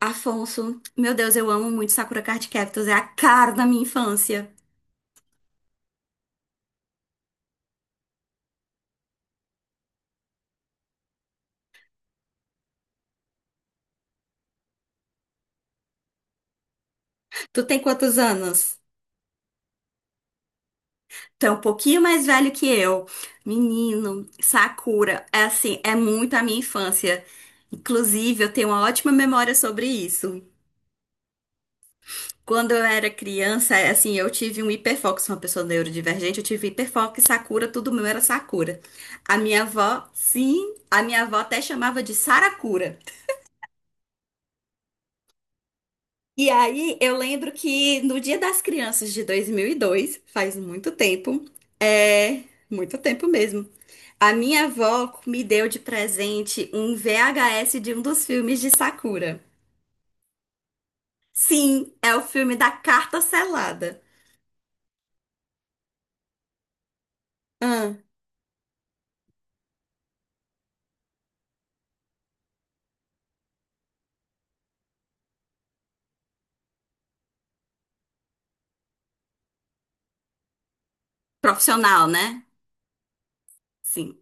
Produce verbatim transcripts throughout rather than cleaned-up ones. Afonso, meu Deus, eu amo muito Sakura Card Captors, é a cara da minha infância. Tu tem quantos anos? Tu é um pouquinho mais velho que eu. Menino, Sakura, é assim, é muito a minha infância. Inclusive, eu tenho uma ótima memória sobre isso. Quando eu era criança, é assim, eu tive um hiperfoco, sou uma pessoa neurodivergente, eu tive hiperfoco e Sakura, tudo meu era Sakura. A minha avó, sim, a minha avó até chamava de Sarakura. E aí, eu lembro que no Dia das Crianças de dois mil e dois, faz muito tempo, é muito tempo mesmo, a minha avó me deu de presente um V H S de um dos filmes de Sakura. Sim, é o filme da carta selada. Ah, profissional, né? Sim.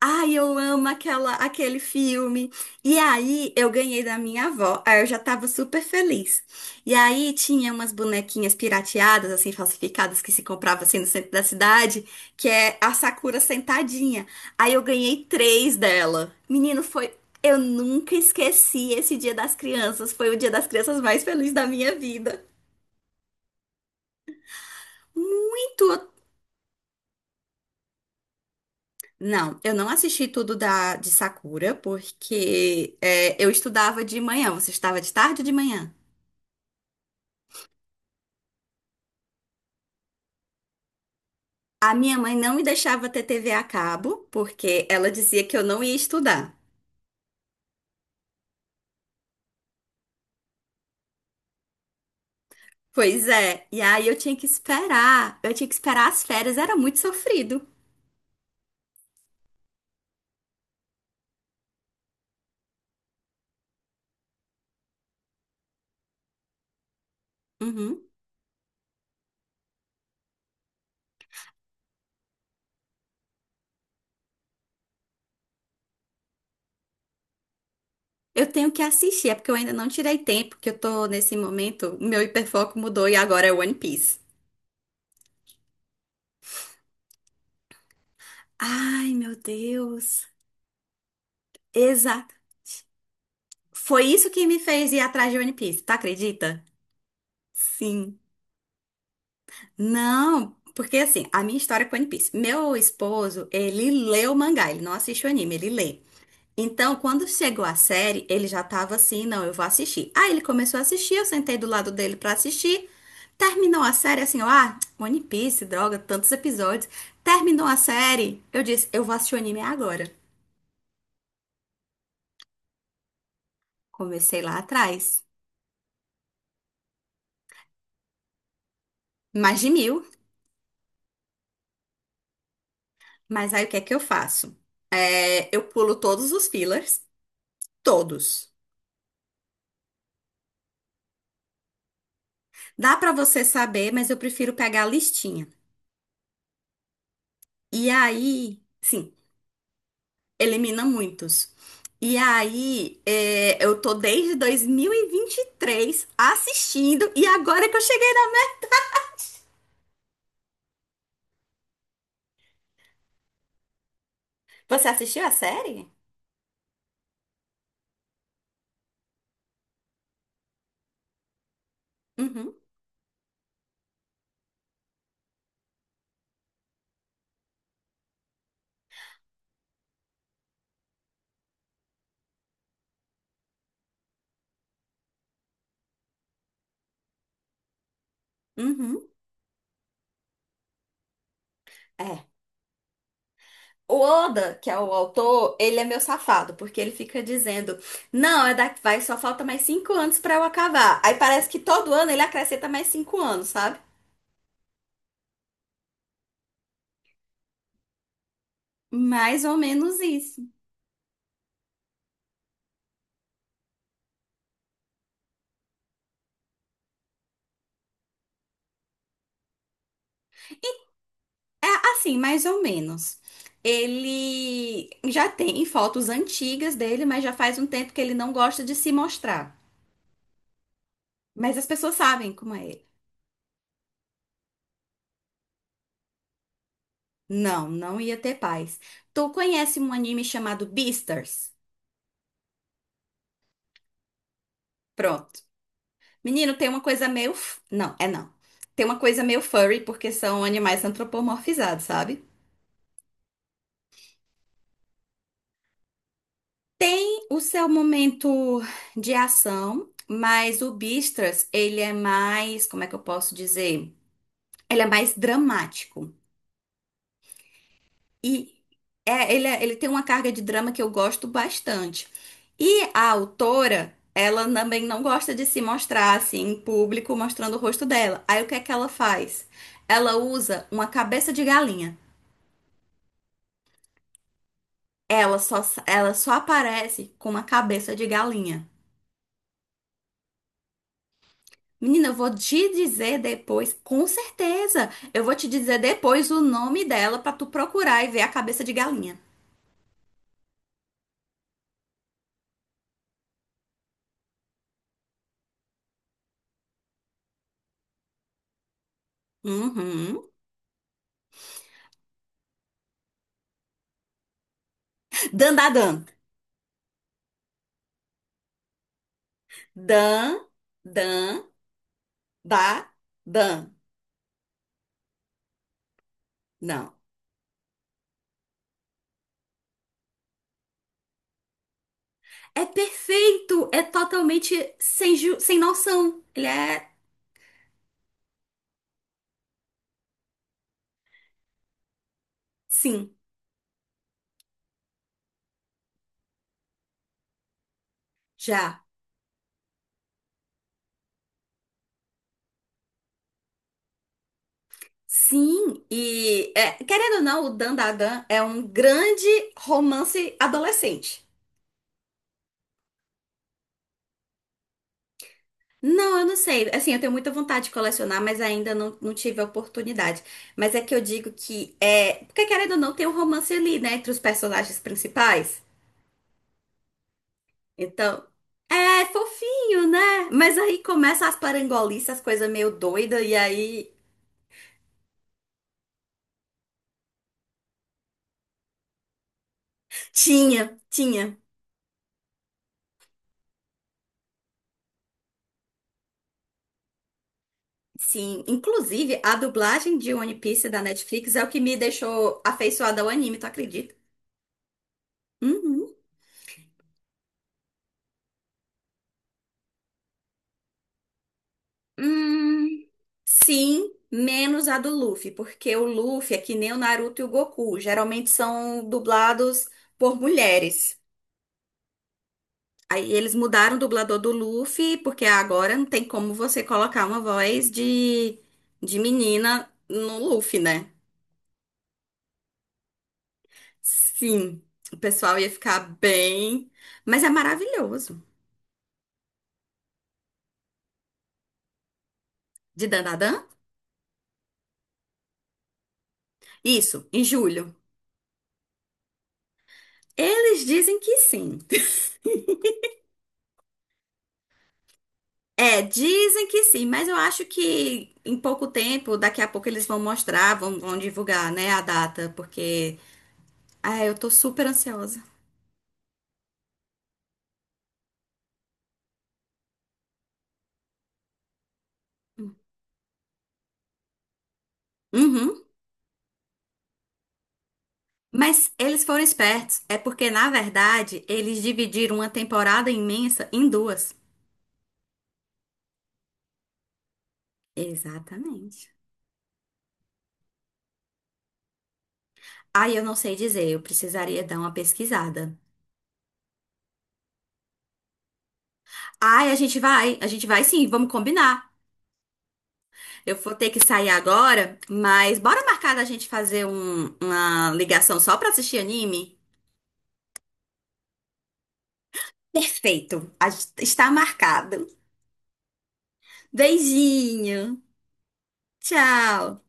Ai, eu amo aquela, aquele filme. E aí, eu ganhei da minha avó. Aí eu já tava super feliz. E aí, tinha umas bonequinhas pirateadas, assim, falsificadas, que se comprava, assim, no centro da cidade, que é a Sakura sentadinha. Aí eu ganhei três dela. Menino, foi... Eu nunca esqueci esse Dia das Crianças. Foi o Dia das Crianças mais feliz da minha vida. Muito. Não, eu não assisti tudo da, de Sakura, porque é, eu estudava de manhã. Você estava de tarde ou de manhã? A minha mãe não me deixava ter T V a cabo, porque ela dizia que eu não ia estudar. Pois é, e aí eu tinha que esperar, eu tinha que esperar as férias, era muito sofrido. Uhum. Eu tenho que assistir, é porque eu ainda não tirei tempo, que eu tô nesse momento, meu hiperfoco mudou e agora é One Piece. Ai, meu Deus. Exato. Foi isso que me fez ir atrás de One Piece, tá? Acredita? Sim. Não, porque assim, a minha história com One Piece. Meu esposo, ele lê o mangá, ele não assiste o anime, ele lê. Então, quando chegou a série, ele já tava assim, não, eu vou assistir. Aí ele começou a assistir, eu sentei do lado dele pra assistir. Terminou a série assim, ó, ah, One Piece, droga, tantos episódios. Terminou a série, eu disse, eu vou assistir o anime agora. Comecei lá atrás, mais de mil. Mas aí o que é que eu faço? É, eu pulo todos os fillers, todos. Dá pra você saber, mas eu prefiro pegar a listinha. E aí, sim, elimina muitos. E aí, é, eu tô desde dois mil e vinte e três assistindo e agora que eu cheguei na. Você assistiu a série? Uhum, uhum. É. O Oda, que é o autor, ele é meu safado, porque ele fica dizendo: não, é daqui, vai, só falta mais cinco anos pra eu acabar. Aí parece que todo ano ele acrescenta mais cinco anos, sabe? Mais ou menos isso. É assim, mais ou menos. Ele já tem fotos antigas dele, mas já faz um tempo que ele não gosta de se mostrar. Mas as pessoas sabem como é ele. Não, não ia ter paz. Tu conhece um anime chamado Beastars? Pronto. Menino, tem uma coisa meio. f- Não, é não. Tem uma coisa meio furry, porque são animais antropomorfizados, sabe? O seu momento de ação, mas o Beastars, ele é mais. Como é que eu posso dizer? Ele é mais dramático. E é, ele, é- ele tem uma carga de drama que eu gosto bastante. E a autora, ela também não gosta de se mostrar assim em público, mostrando o rosto dela. Aí o que é que ela faz? Ela usa uma cabeça de galinha. Ela só, ela só aparece com uma cabeça de galinha. Menina, eu vou te dizer depois, com certeza. Eu vou te dizer depois o nome dela pra tu procurar e ver a cabeça de galinha. Uhum. Dan, dan, dan. Dan, dan. Da, dan. Não. É perfeito, é totalmente sem, ju- sem noção. Ele é sim, já. Sim, e é, querendo ou não, o Dan da Dan é um grande romance adolescente. Não, eu não sei. Assim, eu tenho muita vontade de colecionar, mas ainda não, não tive a oportunidade. Mas é que eu digo que é. Porque querendo ou não, tem um romance ali, né? Entre os personagens principais. Então, é é fofinho, né? Mas aí começa as parangolices, as coisas meio doida e aí tinha, tinha. Sim, inclusive a dublagem de One Piece da Netflix é o que me deixou afeiçoada ao anime, tu acredita? Uhum. Hum, Sim, menos a do Luffy, porque o Luffy é que nem o Naruto e o Goku, geralmente são dublados por mulheres. Aí eles mudaram o dublador do Luffy, porque agora não tem como você colocar uma voz de, de menina no Luffy, né? Sim, o pessoal ia ficar bem. Mas é maravilhoso. De Dandadan? Isso, em julho. Eles dizem que sim. É, dizem que sim, mas eu acho que em pouco tempo, daqui a pouco eles vão mostrar, vão, vão divulgar, né, a data, porque. Ah, eu tô super ansiosa. Uhum. Mas eles foram espertos. É porque, na verdade, eles dividiram uma temporada imensa em duas. Exatamente. Ai, eu não sei dizer, eu precisaria dar uma pesquisada. Ai, a gente vai, a gente vai sim, vamos combinar. Eu vou ter que sair agora, mas bora marcar da gente fazer um- uma ligação só pra assistir anime? Perfeito, a- está marcado. Beijinho, tchau.